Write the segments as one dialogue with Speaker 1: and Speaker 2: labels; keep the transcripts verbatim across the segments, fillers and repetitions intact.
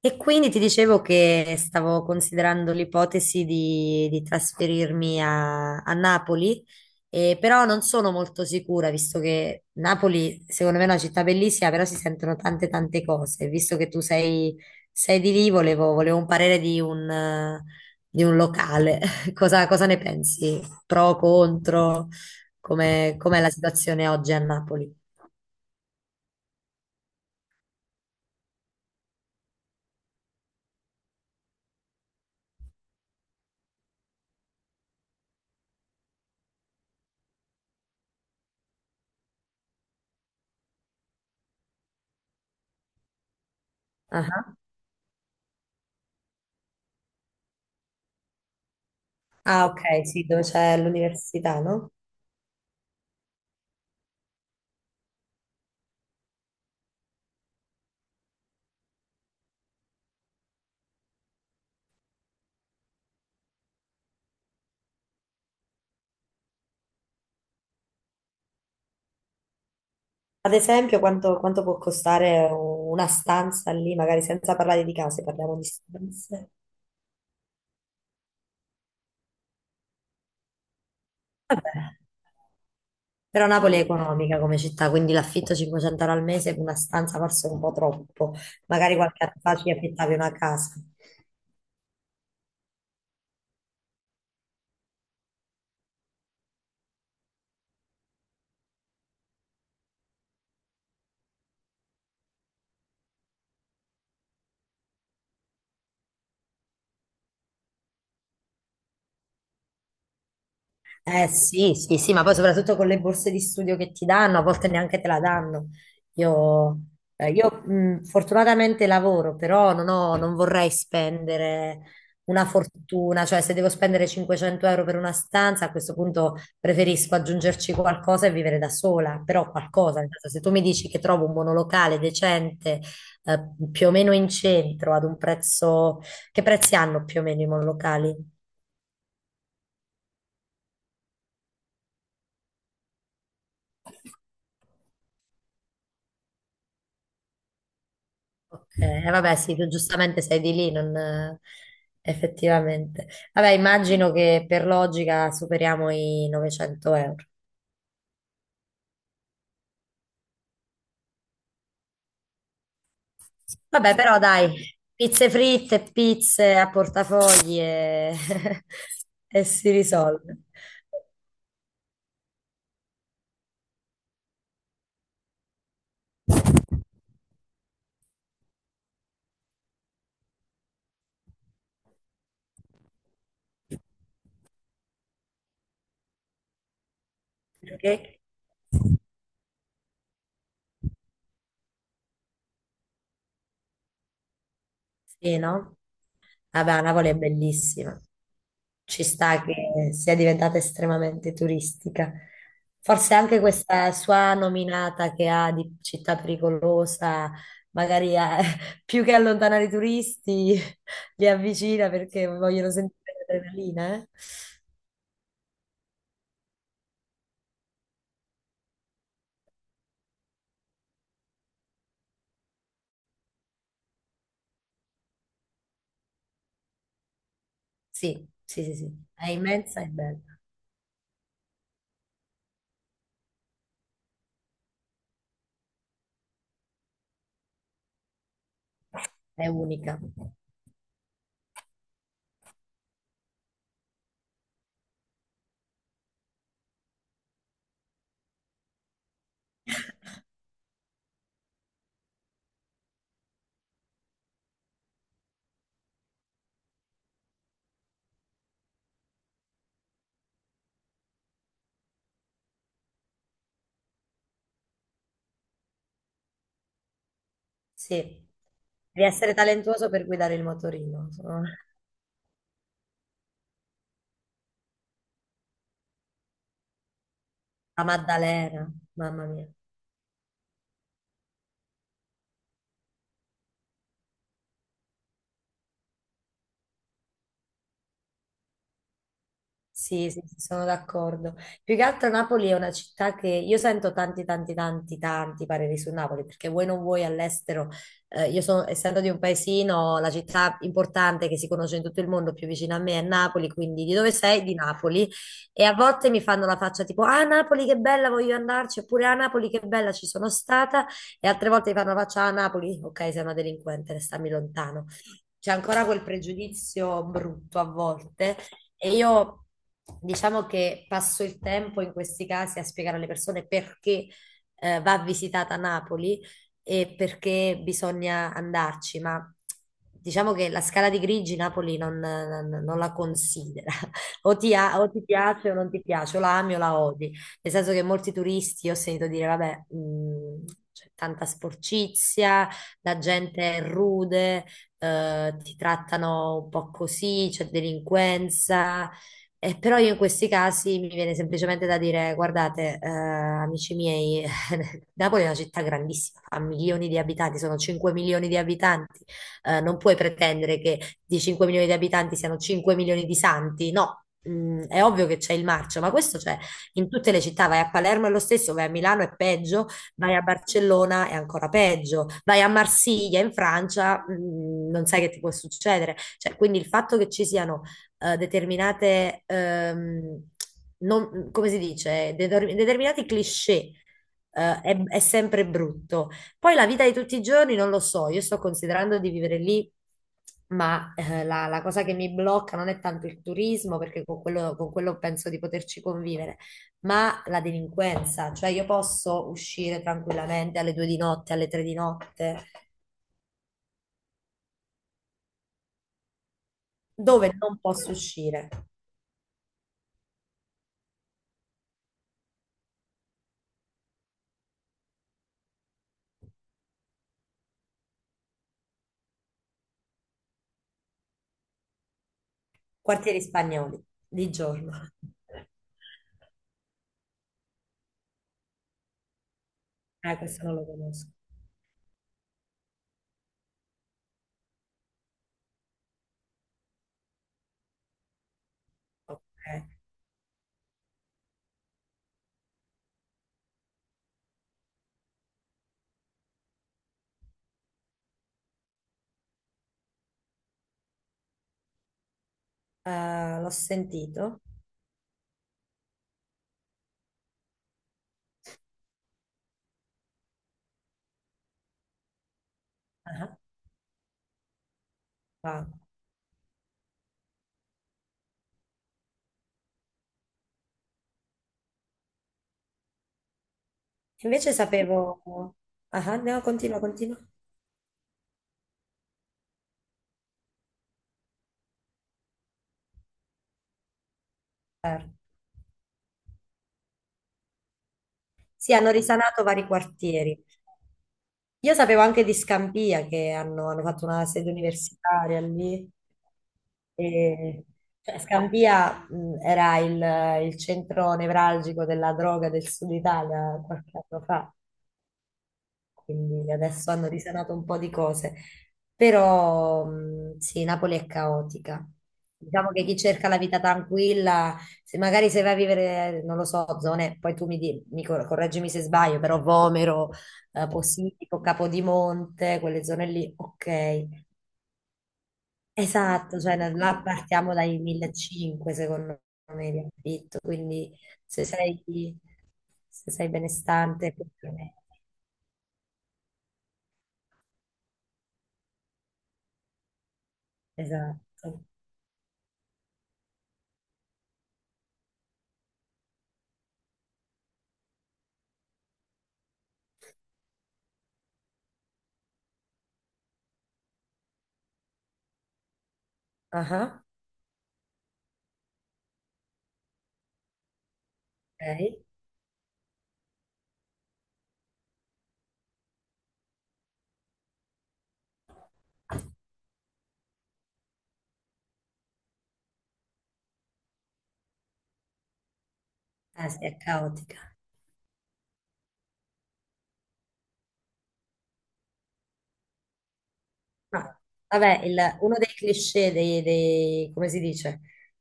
Speaker 1: E quindi ti dicevo che stavo considerando l'ipotesi di, di trasferirmi a, a Napoli, eh, però non sono molto sicura, visto che Napoli, secondo me, è una città bellissima, però si sentono tante tante cose. Visto che tu sei, sei di lì, volevo, volevo un parere di un, eh, di un locale. Cosa, cosa ne pensi? Pro, contro? Com'è, com'è la situazione oggi a Napoli? Ah, ah, ok, sì, dove c'è l'università, no? Ad esempio, quanto, quanto può costare una stanza lì, magari senza parlare di case, parliamo di stanze. Però Napoli è economica come città, quindi l'affitto cinquecento euro al mese per una stanza forse è un po' troppo. Magari qualche anno fa ci affittavi una casa. Eh sì, sì, sì, ma poi soprattutto con le borse di studio che ti danno, a volte neanche te la danno. Io, eh, io, mh, Fortunatamente lavoro, però non ho- non vorrei spendere una fortuna, cioè se devo spendere cinquecento euro per una stanza, a questo punto preferisco aggiungerci qualcosa e vivere da sola, però qualcosa, nel senso, se tu mi dici che trovo un monolocale decente, eh, più o meno in centro, ad un prezzo... Che prezzi hanno più o meno i monolocali? Ok, eh, vabbè, sì, tu giustamente sei di lì, non... eh, effettivamente. Vabbè, immagino che per logica superiamo i novecento euro. Vabbè, però dai, pizze fritte, pizze a portafogli e, e si risolve. Perché? Sì, no? Vabbè, Napoli è bellissima. Ci sta che sia diventata estremamente turistica. Forse anche questa sua nominata che ha di città pericolosa, magari eh, più che allontanare i turisti, li avvicina perché vogliono sentire l'adrenalina, eh? Sì, sì, sì, sì. È immensa e bella, è unica. Sì, devi essere talentuoso per guidare il motorino. Sono- La Maddalena, mamma mia. Sì, sì, sì, sono d'accordo. Più che altro Napoli è una città che io sento tanti, tanti, tanti, tanti pareri su Napoli, perché voi non vuoi all'estero, eh, io sono, essendo di un paesino, la città importante che si conosce in tutto il mondo più vicina a me è Napoli, quindi di dove sei? Di Napoli. E a volte mi fanno la faccia tipo, ah Napoli che bella, voglio andarci, oppure ah Napoli che bella, ci sono stata, e altre volte mi fanno la faccia, ah Napoli, ok, sei una delinquente, stammi lontano. C'è ancora quel pregiudizio brutto a volte e io diciamo che passo il tempo in questi casi a spiegare alle persone perché eh, va visitata Napoli e perché bisogna andarci, ma diciamo che la scala di grigi Napoli non, non- non la considera. O ti, a- o ti piace o non ti piace, o la ami o la odi. Nel senso che molti turisti ho sentito dire, vabbè, mh, c'è tanta sporcizia, la gente è rude, eh, ti trattano un po' così, c'è delinquenza. Eh, però io in questi casi mi viene semplicemente da dire, guardate, eh, amici miei, Napoli è una città grandissima, ha milioni di abitanti, sono cinque milioni di abitanti, eh, non puoi pretendere che di cinque milioni di abitanti siano cinque milioni di santi, no. Mm, è ovvio che c'è il marcio, ma questo c'è in tutte le città, vai a Palermo è lo stesso, vai a Milano è peggio, vai a Barcellona è ancora peggio, vai a Marsiglia in Francia, mh, non sai che ti può succedere. Cioè, quindi il fatto che ci siano eh, determinate, ehm, non- come si dice, Deter- determinati cliché. eh, è, è sempre brutto. Poi la vita di tutti i giorni non lo so, io sto considerando di vivere lì, ma eh, la, la cosa che mi blocca non è tanto il turismo, perché con quello, con quello penso di poterci convivere, ma la delinquenza, cioè io posso uscire tranquillamente alle due di notte, alle tre di notte, dove non posso uscire? Quartieri spagnoli, di giorno. Ah, questo non lo conosco. Ok. Eh, l'ho sentito. Ah, ah. Invece sapevo... Ah, ah, no, continua, continua. Eh, Sì, hanno risanato vari quartieri. Io sapevo anche di Scampia che hanno, hanno fatto una sede universitaria lì. E, cioè, Scampia, mh, era il, il centro nevralgico della droga del sud Italia qualche anno fa, quindi adesso hanno risanato un po' di cose. Però mh, sì, Napoli è caotica. Diciamo che chi cerca la vita tranquilla, se magari se vai a vivere, non lo so, zone, poi tu mi, di- mi cor- correggimi se sbaglio, però Vomero, eh, Posillipo, Capodimonte, quelle zone lì, ok. Esatto, cioè da là partiamo dai millecinquecento secondo me di affitto, quindi se sei, se sei benestante, più o meno. Esatto. Ah. Ok? Eh, sì, è caotica. No. Vabbè, il- uno dei cliché dei, dei- come si dice,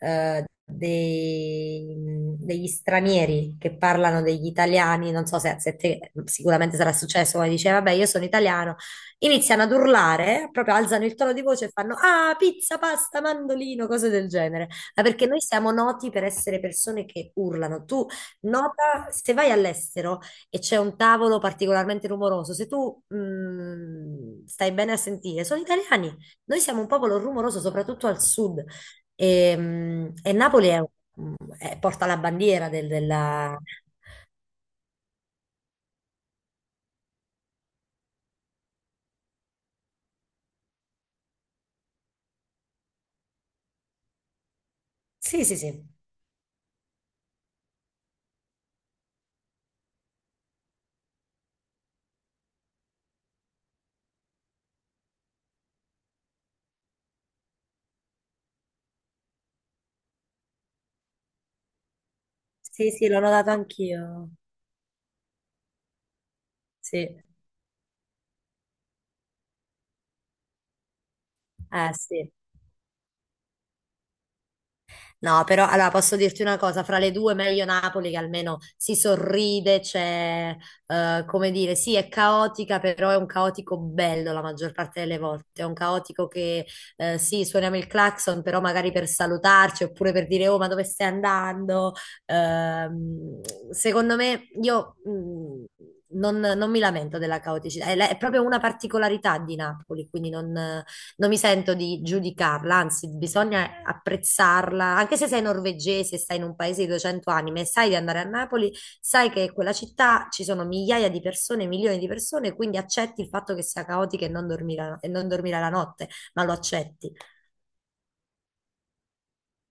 Speaker 1: Eh, dei- degli stranieri che parlano degli italiani, non so se, se te sicuramente sarà successo, come dice, vabbè, io sono italiano, iniziano ad urlare, proprio alzano il tono di voce e fanno, ah, pizza, pasta, mandolino, cose del genere. Ma perché noi siamo noti per essere persone che urlano. Tu nota, se vai all'estero, e c'è un tavolo particolarmente rumoroso, se tu mh, stai bene a sentire, sono italiani. Noi siamo un popolo rumoroso, soprattutto al sud. E, mh, e Napoli è- mh, è- Porta la bandiera del- della... Sì, sì, sì. Sì, sì, l'ho notato anch'io. Sì. Eh, sì. No, però allora posso dirti una cosa, fra le due meglio Napoli che almeno si sorride, c'è, eh, come dire, sì, è caotica, però è un caotico bello la maggior parte delle volte, è un caotico che eh, sì, suoniamo il clacson, però magari per salutarci oppure per dire oh, ma dove stai andando? Ehm, secondo me io mh, non, non mi lamento della caoticità, è, la- è proprio una particolarità di Napoli, quindi non non mi sento di giudicarla, anzi, bisogna apprezzarla, anche se sei norvegese, stai in un paese di duecento anime, e sai di andare a Napoli, sai che in quella città ci sono migliaia di persone, milioni di persone, quindi accetti il fatto che sia caotica e non dormire la- e non dormire la notte, ma lo accetti.